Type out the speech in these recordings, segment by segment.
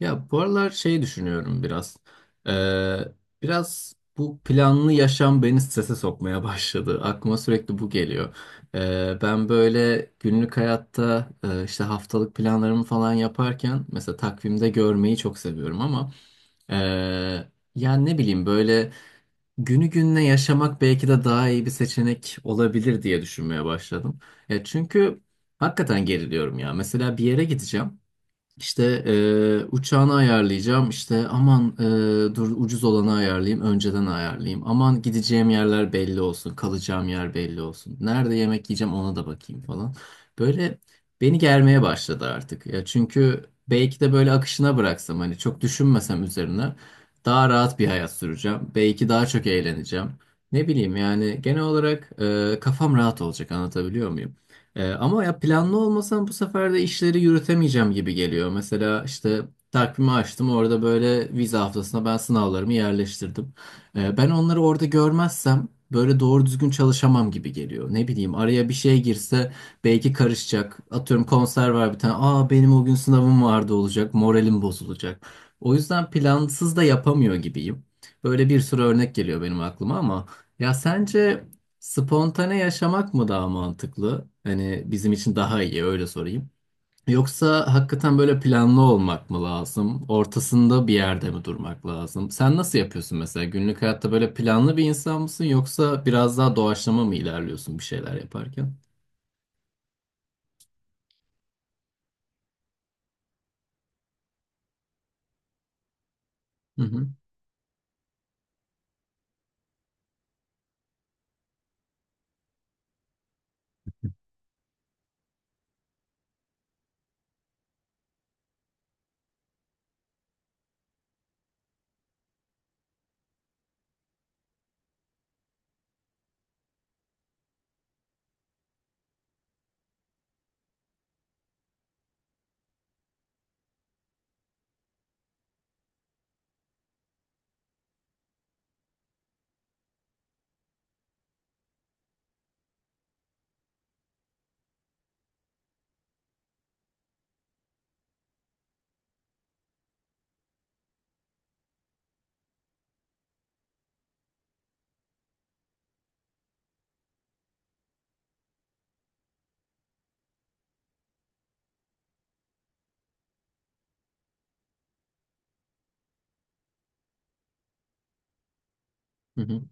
Ya bu aralar şey düşünüyorum biraz. Ee, Biraz bu planlı yaşam beni strese sokmaya başladı. Aklıma sürekli bu geliyor. Ben böyle günlük hayatta işte haftalık planlarımı falan yaparken mesela takvimde görmeyi çok seviyorum ama e, yani ne bileyim böyle günü gününe yaşamak belki de daha iyi bir seçenek olabilir diye düşünmeye başladım. Çünkü hakikaten geriliyorum ya. Mesela bir yere gideceğim. İşte uçağını ayarlayacağım. İşte aman dur ucuz olanı ayarlayayım, önceden ayarlayayım. Aman gideceğim yerler belli olsun, kalacağım yer belli olsun. Nerede yemek yiyeceğim ona da bakayım falan. Böyle beni germeye başladı artık. Ya çünkü belki de böyle akışına bıraksam hani çok düşünmesem üzerine daha rahat bir hayat süreceğim. Belki daha çok eğleneceğim. Ne bileyim yani genel olarak kafam rahat olacak, anlatabiliyor muyum? Ama ya planlı olmasam bu sefer de işleri yürütemeyeceğim gibi geliyor. Mesela işte takvimi açtım, orada böyle vize haftasına ben sınavlarımı yerleştirdim. Ben onları orada görmezsem böyle doğru düzgün çalışamam gibi geliyor. Ne bileyim araya bir şey girse belki karışacak. Atıyorum konser var bir tane. Aa, benim o gün sınavım vardı olacak. Moralim bozulacak. O yüzden plansız da yapamıyor gibiyim. Böyle bir sürü örnek geliyor benim aklıma, ama ya sence spontane yaşamak mı daha mantıklı? Hani bizim için daha iyi, öyle sorayım. Yoksa hakikaten böyle planlı olmak mı lazım? Ortasında bir yerde mi durmak lazım? Sen nasıl yapıyorsun mesela? Günlük hayatta böyle planlı bir insan mısın, yoksa biraz daha doğaçlama mı ilerliyorsun bir şeyler yaparken? Hı hı. Hı hı.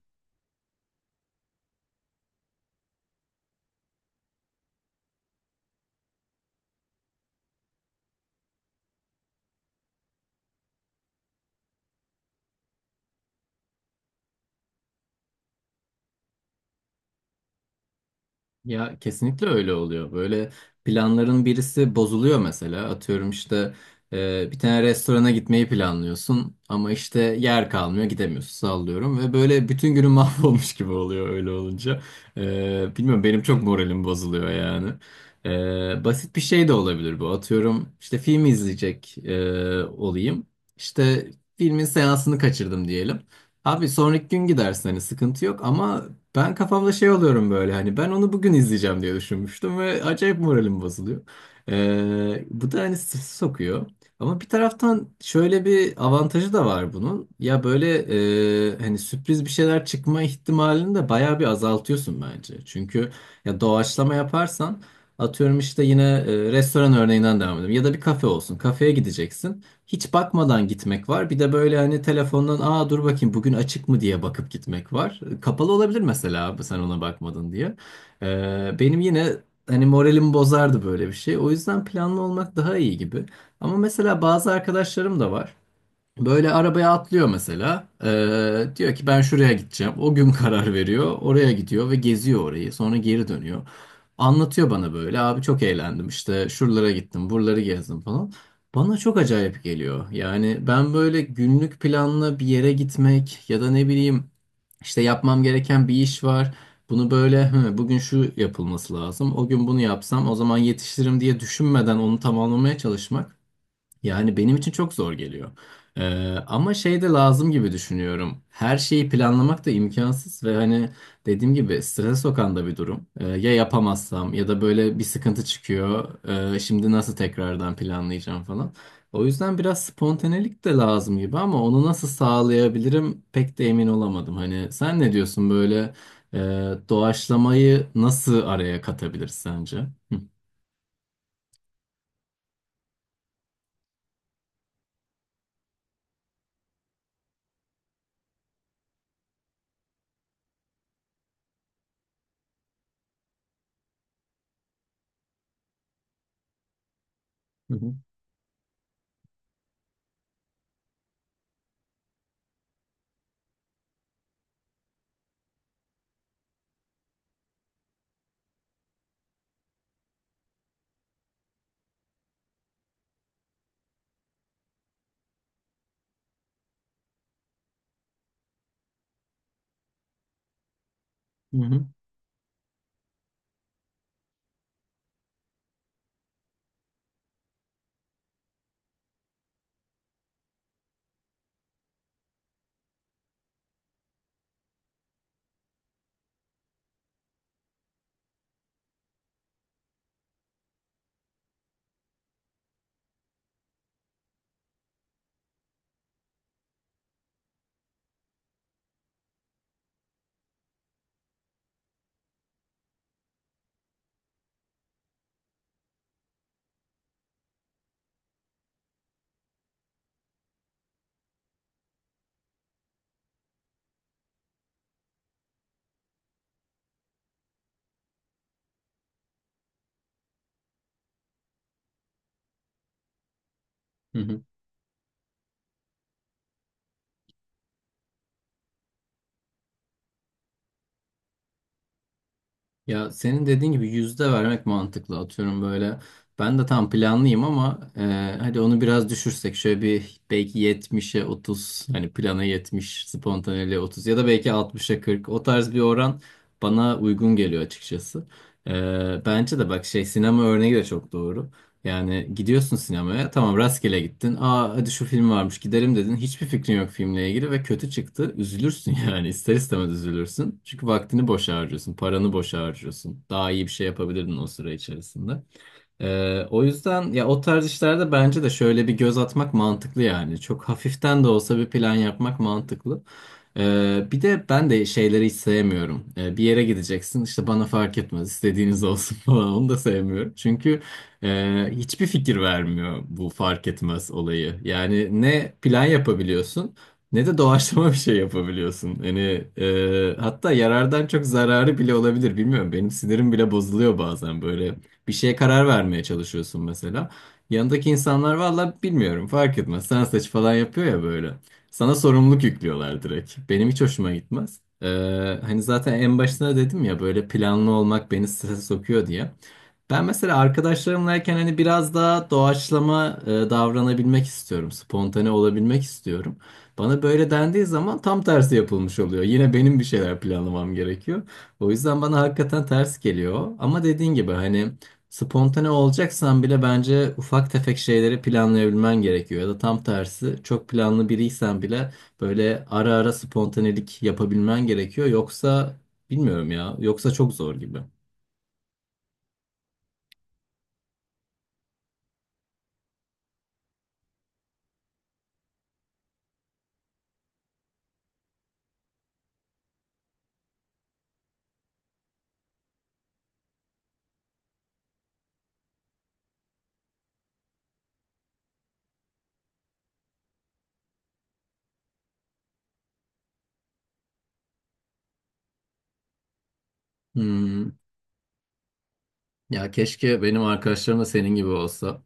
Ya kesinlikle öyle oluyor. Böyle planların birisi bozuluyor mesela. Atıyorum işte bir tane restorana gitmeyi planlıyorsun ama işte yer kalmıyor, gidemiyorsun, sallıyorum, ve böyle bütün günün mahvolmuş gibi oluyor öyle olunca. Bilmiyorum, benim çok moralim bozuluyor yani. Basit bir şey de olabilir bu. Atıyorum işte film izleyecek olayım. İşte filmin seansını kaçırdım diyelim. Abi sonraki gün gidersin, hani sıkıntı yok, ama ben kafamda şey oluyorum, böyle hani ben onu bugün izleyeceğim diye düşünmüştüm ve acayip moralim bozuluyor. Bu da hani stresi sokuyor. Ama bir taraftan şöyle bir avantajı da var bunun. Ya böyle hani sürpriz bir şeyler çıkma ihtimalini de bayağı bir azaltıyorsun bence. Çünkü ya doğaçlama yaparsan, atıyorum işte yine restoran örneğinden devam edelim ya da bir kafe olsun. Kafeye gideceksin, hiç bakmadan gitmek var. Bir de böyle hani telefondan aa dur bakayım bugün açık mı diye bakıp gitmek var. Kapalı olabilir mesela, abi sen ona bakmadın diye. Benim yine hani moralimi bozardı böyle bir şey. O yüzden planlı olmak daha iyi gibi. Ama mesela bazı arkadaşlarım da var. Böyle arabaya atlıyor mesela. Diyor ki ben şuraya gideceğim. O gün karar veriyor. Oraya gidiyor ve geziyor orayı. Sonra geri dönüyor. Anlatıyor bana böyle. Abi çok eğlendim. İşte şuralara gittim, buraları gezdim falan. Bana çok acayip geliyor. Yani ben böyle günlük planla bir yere gitmek ya da ne bileyim işte yapmam gereken bir iş var. Bunu böyle, "Hı, bugün şu yapılması lazım. O gün bunu yapsam o zaman yetiştiririm," diye düşünmeden onu tamamlamaya çalışmak. Yani benim için çok zor geliyor. Ama şey de lazım gibi düşünüyorum. Her şeyi planlamak da imkansız ve hani dediğim gibi strese sokan da bir durum. Ya yapamazsam ya da böyle bir sıkıntı çıkıyor. Şimdi nasıl tekrardan planlayacağım falan. O yüzden biraz spontanelik de lazım gibi, ama onu nasıl sağlayabilirim pek de emin olamadım. Hani sen ne diyorsun böyle e, doğaçlamayı nasıl araya katabiliriz sence? Hı hı, hı hı. Hı hı. Ya senin dediğin gibi yüzde vermek mantıklı, atıyorum böyle. Ben de tam planlıyım, ama hadi onu biraz düşürsek, şöyle bir belki 70'e 30, hani plana 70, spontaneliğe 30, ya da belki 60'a 40, o tarz bir oran bana uygun geliyor açıkçası. Bence de bak, şey, sinema örneği de çok doğru. Yani gidiyorsun sinemaya, tamam, rastgele gittin. Aa hadi şu film varmış gidelim dedin. Hiçbir fikrin yok filmle ilgili ve kötü çıktı. Üzülürsün, yani ister istemez üzülürsün. Çünkü vaktini boşa harcıyorsun, paranı boşa harcıyorsun. Daha iyi bir şey yapabilirdin o süre içerisinde. O yüzden ya o tarz işlerde bence de şöyle bir göz atmak mantıklı yani. Çok hafiften de olsa bir plan yapmak mantıklı. Bir de ben de şeyleri hiç sevmiyorum. Bir yere gideceksin, işte bana fark etmez, istediğiniz olsun falan, onu da sevmiyorum. Çünkü hiçbir fikir vermiyor bu fark etmez olayı. Yani ne plan yapabiliyorsun ne de doğaçlama bir şey yapabiliyorsun. Yani hatta yarardan çok zararı bile olabilir, bilmiyorum. Benim sinirim bile bozuluyor bazen, böyle bir şeye karar vermeye çalışıyorsun mesela. Yanındaki insanlar valla bilmiyorum fark etmez sen seç falan yapıyor ya böyle. Sana sorumluluk yüklüyorlar direkt. Benim hiç hoşuma gitmez. Hani zaten en başına dedim ya böyle planlı olmak beni strese sokuyor diye. Ben mesela arkadaşlarımlayken hani biraz daha doğaçlama davranabilmek istiyorum. Spontane olabilmek istiyorum. Bana böyle dendiği zaman tam tersi yapılmış oluyor. Yine benim bir şeyler planlamam gerekiyor. O yüzden bana hakikaten ters geliyor. Ama dediğin gibi hani spontane olacaksan bile bence ufak tefek şeyleri planlayabilmen gerekiyor. Ya da tam tersi çok planlı biriysen bile böyle ara ara spontanelik yapabilmen gerekiyor. Yoksa bilmiyorum ya. Yoksa çok zor gibi. Hmm. Ya keşke benim arkadaşlarım da senin gibi olsa.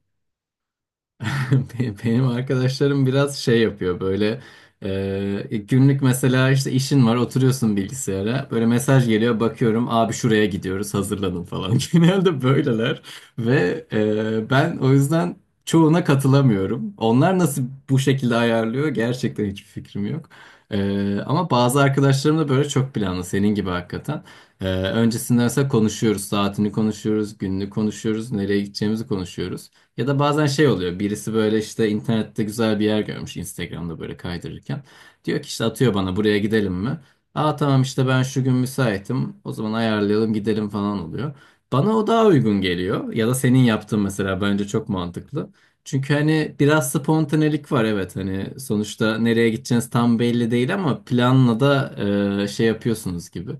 Benim arkadaşlarım biraz şey yapıyor, böyle günlük mesela işte işin var, oturuyorsun bilgisayara, böyle mesaj geliyor, bakıyorum abi şuraya gidiyoruz hazırlanın falan, genelde böyleler, ve ben o yüzden çoğuna katılamıyorum, onlar nasıl bu şekilde ayarlıyor gerçekten hiçbir fikrim yok. Ama bazı arkadaşlarım da böyle çok planlı, senin gibi hakikaten. Öncesinde mesela konuşuyoruz, saatini konuşuyoruz, gününü konuşuyoruz, nereye gideceğimizi konuşuyoruz. Ya da bazen şey oluyor. Birisi böyle işte internette güzel bir yer görmüş, Instagram'da böyle kaydırırken. Diyor ki işte, atıyor bana, buraya gidelim mi? Aa tamam, işte ben şu gün müsaitim. O zaman ayarlayalım gidelim falan oluyor. Bana o daha uygun geliyor. Ya da senin yaptığın mesela bence çok mantıklı. Çünkü hani biraz spontanelik var evet, hani sonuçta nereye gideceğiniz tam belli değil, ama planla da şey yapıyorsunuz gibi.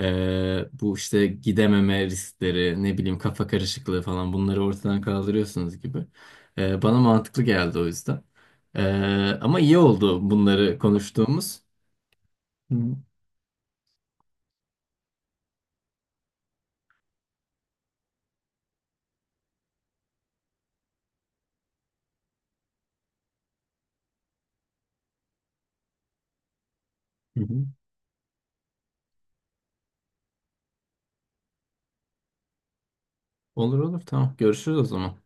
Bu işte gidememe riskleri, ne bileyim kafa karışıklığı falan, bunları ortadan kaldırıyorsunuz gibi. Bana mantıklı geldi o yüzden. Ama iyi oldu bunları konuştuğumuz. Hı hı. Olur olur, tamam, görüşürüz o zaman.